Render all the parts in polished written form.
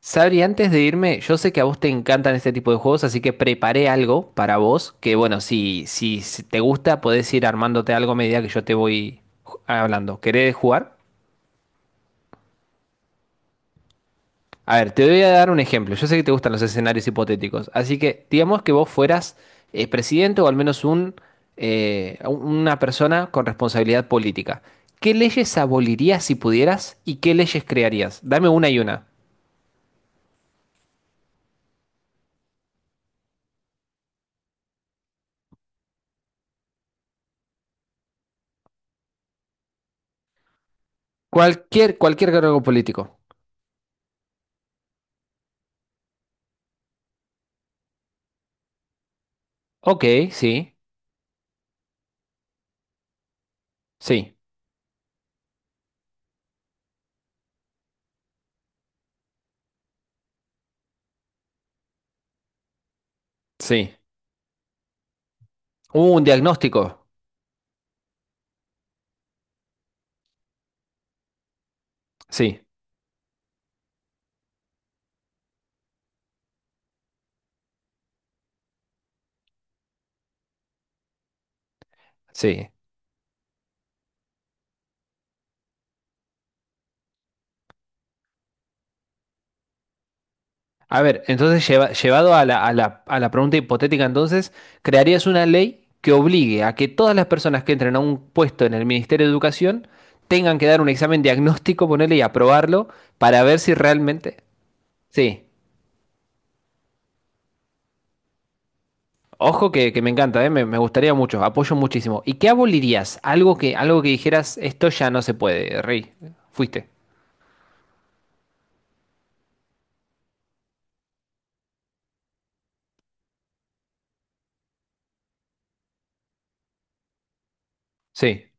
Sabri, antes de irme, yo sé que a vos te encantan este tipo de juegos, así que preparé algo para vos, que bueno, si te gusta, podés ir armándote algo a medida que yo te voy hablando. ¿Querés jugar? A ver, te voy a dar un ejemplo. Yo sé que te gustan los escenarios hipotéticos, así que digamos que vos fueras presidente o al menos un, una persona con responsabilidad política. ¿Qué leyes abolirías si pudieras y qué leyes crearías? Dame una y una. Cualquier cargo político. Ok, sí, sí. Sí. Un diagnóstico. Sí, sí. A ver, entonces llevado a la pregunta hipotética, entonces, ¿crearías una ley que obligue a que todas las personas que entren a un puesto en el Ministerio de Educación tengan que dar un examen diagnóstico, ponerle y aprobarlo para ver si realmente... Sí. Ojo que me encanta, ¿eh? Me gustaría mucho, apoyo muchísimo. ¿Y qué abolirías? Algo que dijeras, esto ya no se puede, Rey. Fuiste. Sí.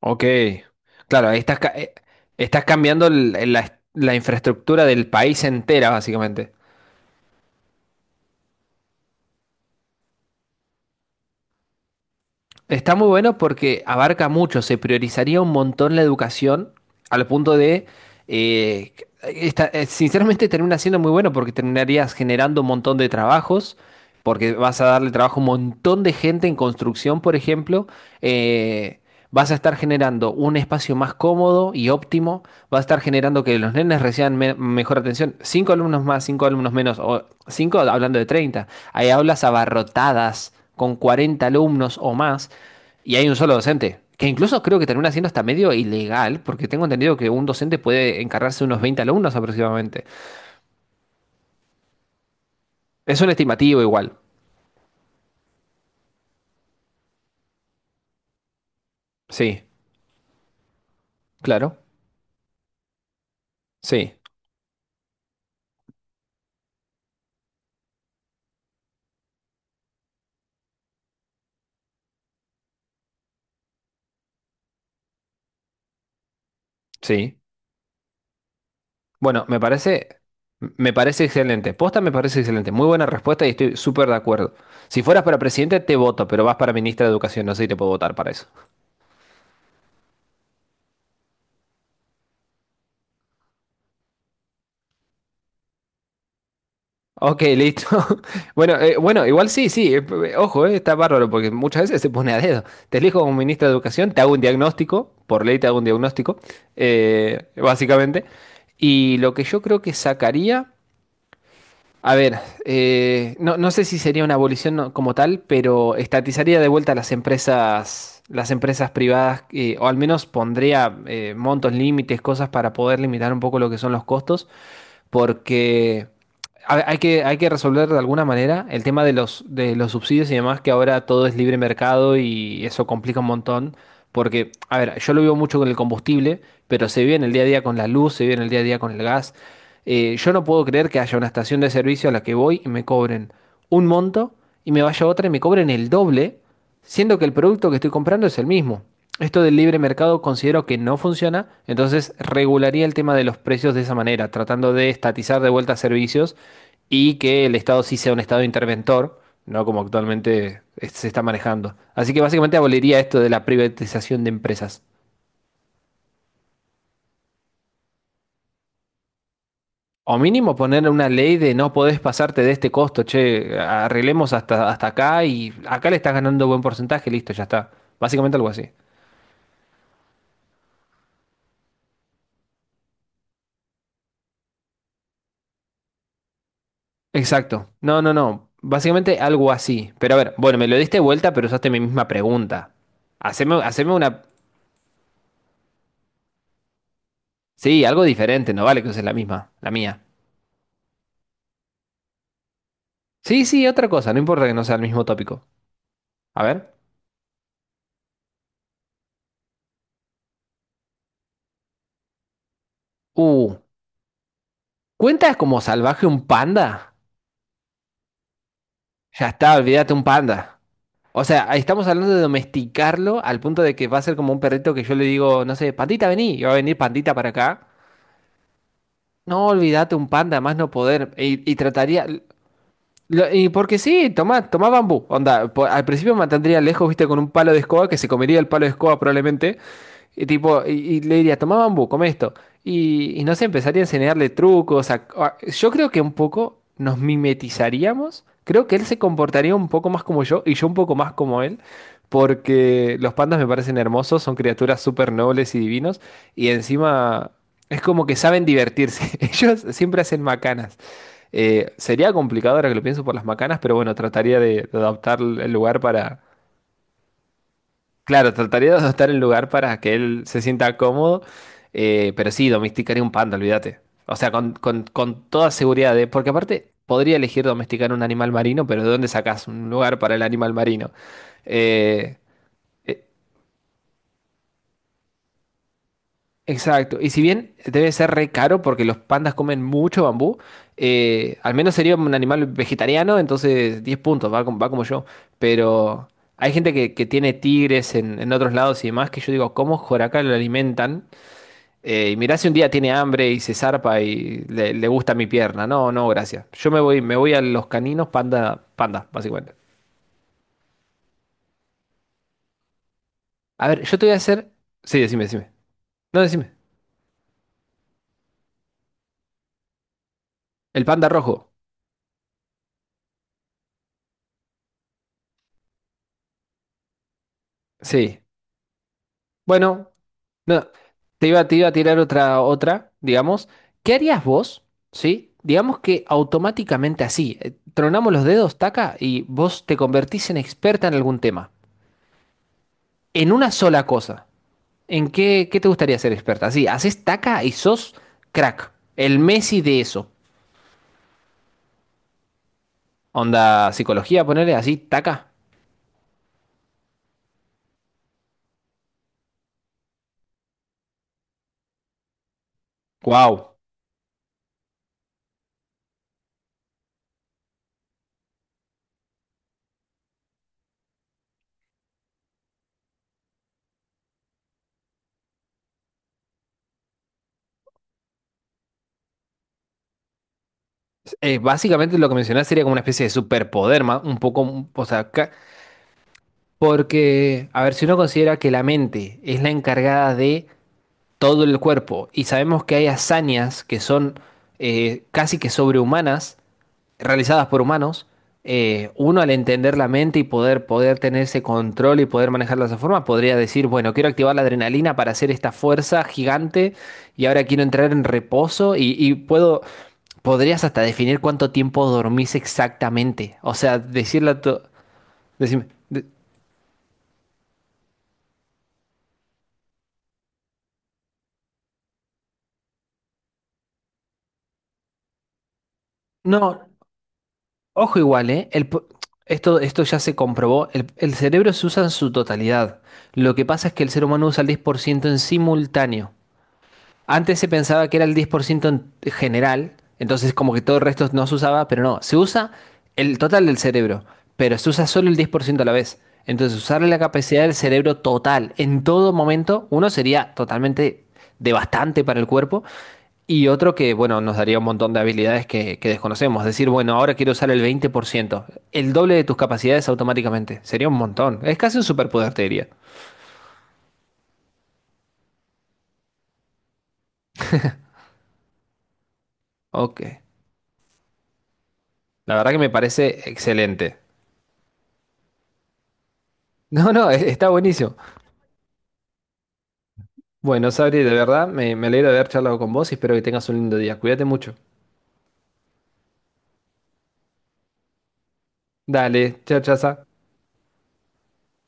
Ok, claro, ahí estás, estás cambiando la infraestructura del país entera, básicamente. Está muy bueno porque abarca mucho, se priorizaría un montón la educación al punto de, eh, sinceramente termina siendo muy bueno porque terminarías generando un montón de trabajos, porque vas a darle trabajo a un montón de gente en construcción, por ejemplo eh, vas a estar generando un espacio más cómodo y óptimo, vas a estar generando que los nenes reciban mejor atención. Cinco alumnos más, cinco alumnos menos, o cinco hablando de 30. Hay aulas abarrotadas con 40 alumnos o más y hay un solo docente. Que incluso creo que termina siendo hasta medio ilegal, porque tengo entendido que un docente puede encargarse de unos 20 alumnos aproximadamente. Es un estimativo igual. Sí, claro. Sí, sí. Bueno, me parece excelente. Posta me parece excelente. Muy buena respuesta y estoy súper de acuerdo. Si fueras para presidente, te voto, pero vas para ministra de Educación. No sé si te puedo votar para eso. Ok, listo. Bueno, bueno, igual sí, sí. Ojo, está bárbaro porque muchas veces se pone a dedo. Te elijo como ministra de Educación, te hago un diagnóstico, por ley te hago un diagnóstico, básicamente. Y lo que yo creo que sacaría. A ver, no sé si sería una abolición como tal, pero estatizaría de vuelta las empresas privadas, o al menos pondría montos, límites, cosas para poder limitar un poco lo que son los costos, porque hay que, hay que resolver de alguna manera el tema de los subsidios y demás, que ahora todo es libre mercado y eso complica un montón. Porque, a ver, yo lo vivo mucho con el combustible, pero se vive en el día a día con la luz, se vive en el día a día con el gas. Yo no puedo creer que haya una estación de servicio a la que voy y me cobren un monto y me vaya a otra y me cobren el doble siendo que el producto que estoy comprando es el mismo. Esto del libre mercado considero que no funciona, entonces regularía el tema de los precios de esa manera, tratando de estatizar de vuelta servicios y que el Estado sí sea un Estado interventor, no como actualmente se está manejando. Así que básicamente aboliría esto de la privatización de empresas. O mínimo poner una ley de no podés pasarte de este costo, che, arreglemos hasta, hasta acá y acá le estás ganando buen porcentaje, listo, ya está. Básicamente algo así. Exacto. No, no, no. Básicamente algo así. Pero a ver, bueno, me lo diste vuelta, pero usaste mi misma pregunta. Haceme, haceme una... Sí, algo diferente, no vale que uses la misma, la mía. Sí, sí, otra cosa, no importa que no sea el mismo tópico. A ver. Uh, ¿Cuentas como salvaje un panda? Ya está, olvídate un panda. O sea, ahí estamos hablando de domesticarlo al punto de que va a ser como un perrito que yo le digo, no sé, pandita, vení, y va a venir pandita para acá. No, olvídate un panda, más no poder. Y trataría. Y porque sí, tomá, tomá bambú. Onda, al principio me mantendría lejos, viste, con un palo de escoba que se comería el palo de escoba probablemente. Y, tipo, y le diría, toma bambú, come esto. Y no sé, empezaría a enseñarle trucos. Yo creo que un poco nos mimetizaríamos. Creo que él se comportaría un poco más como yo y yo un poco más como él. Porque los pandas me parecen hermosos, son criaturas súper nobles y divinos. Y encima es como que saben divertirse. Ellos siempre hacen macanas. Sería complicado ahora que lo pienso por las macanas, pero bueno, trataría de adaptar el lugar para... Claro, trataría de adaptar el lugar para que él se sienta cómodo, pero sí, domesticaría un panda, olvídate. O sea, con, con toda seguridad, porque aparte podría elegir domesticar un animal marino, pero ¿de dónde sacas un lugar para el animal marino? Eh, eh, exacto, y si bien debe ser re caro porque los pandas comen mucho bambú, al menos sería un animal vegetariano, entonces 10 puntos, va, va como yo, pero... Hay gente que tiene tigres en otros lados y demás que yo digo, ¿cómo joraca lo alimentan? Y mirá si un día tiene hambre y se zarpa y le gusta mi pierna. No, no, gracias. Yo me voy a los caninos panda, panda, básicamente. A ver, yo te voy a hacer. Sí, decime, decime. No, decime. El panda rojo. Sí. Bueno, no. Te iba a tirar otra, otra, digamos. ¿Qué harías vos? ¿Sí? Digamos que automáticamente así. Tronamos los dedos, taca, y vos te convertís en experta en algún tema. En una sola cosa. ¿En qué, qué te gustaría ser experta? Sí, haces taca y sos crack. El Messi de eso. Onda, psicología, ponerle así, taca. Wow. Básicamente lo que mencionás sería como una especie de superpoder, un poco, o sea, porque, a ver, si uno considera que la mente es la encargada de todo el cuerpo y sabemos que hay hazañas que son casi que sobrehumanas, realizadas por humanos, uno al entender la mente y poder, poder tener ese control y poder manejarla de esa forma, podría decir, bueno, quiero activar la adrenalina para hacer esta fuerza gigante y ahora quiero entrar en reposo y puedo, podrías hasta definir cuánto tiempo dormís exactamente. O sea, decirle a tu... decime- de- no, ojo igual, ¿eh? Esto, esto ya se comprobó, el cerebro se usa en su totalidad. Lo que pasa es que el ser humano usa el 10% en simultáneo. Antes se pensaba que era el 10% en general, entonces como que todo el resto no se usaba, pero no, se usa el total del cerebro, pero se usa solo el 10% a la vez. Entonces usar la capacidad del cerebro total en todo momento, uno sería totalmente devastante para el cuerpo y otro que, bueno, nos daría un montón de habilidades que desconocemos. Decir, bueno, ahora quiero usar el 20%, el doble de tus capacidades automáticamente, sería un montón. Es casi un superpoder, te diría. Ok, la verdad que me parece excelente. No, está buenísimo. Bueno, Sabri, de verdad, me alegra de haber charlado con vos y espero que tengas un lindo día. Cuídate mucho. Dale, chao, chao.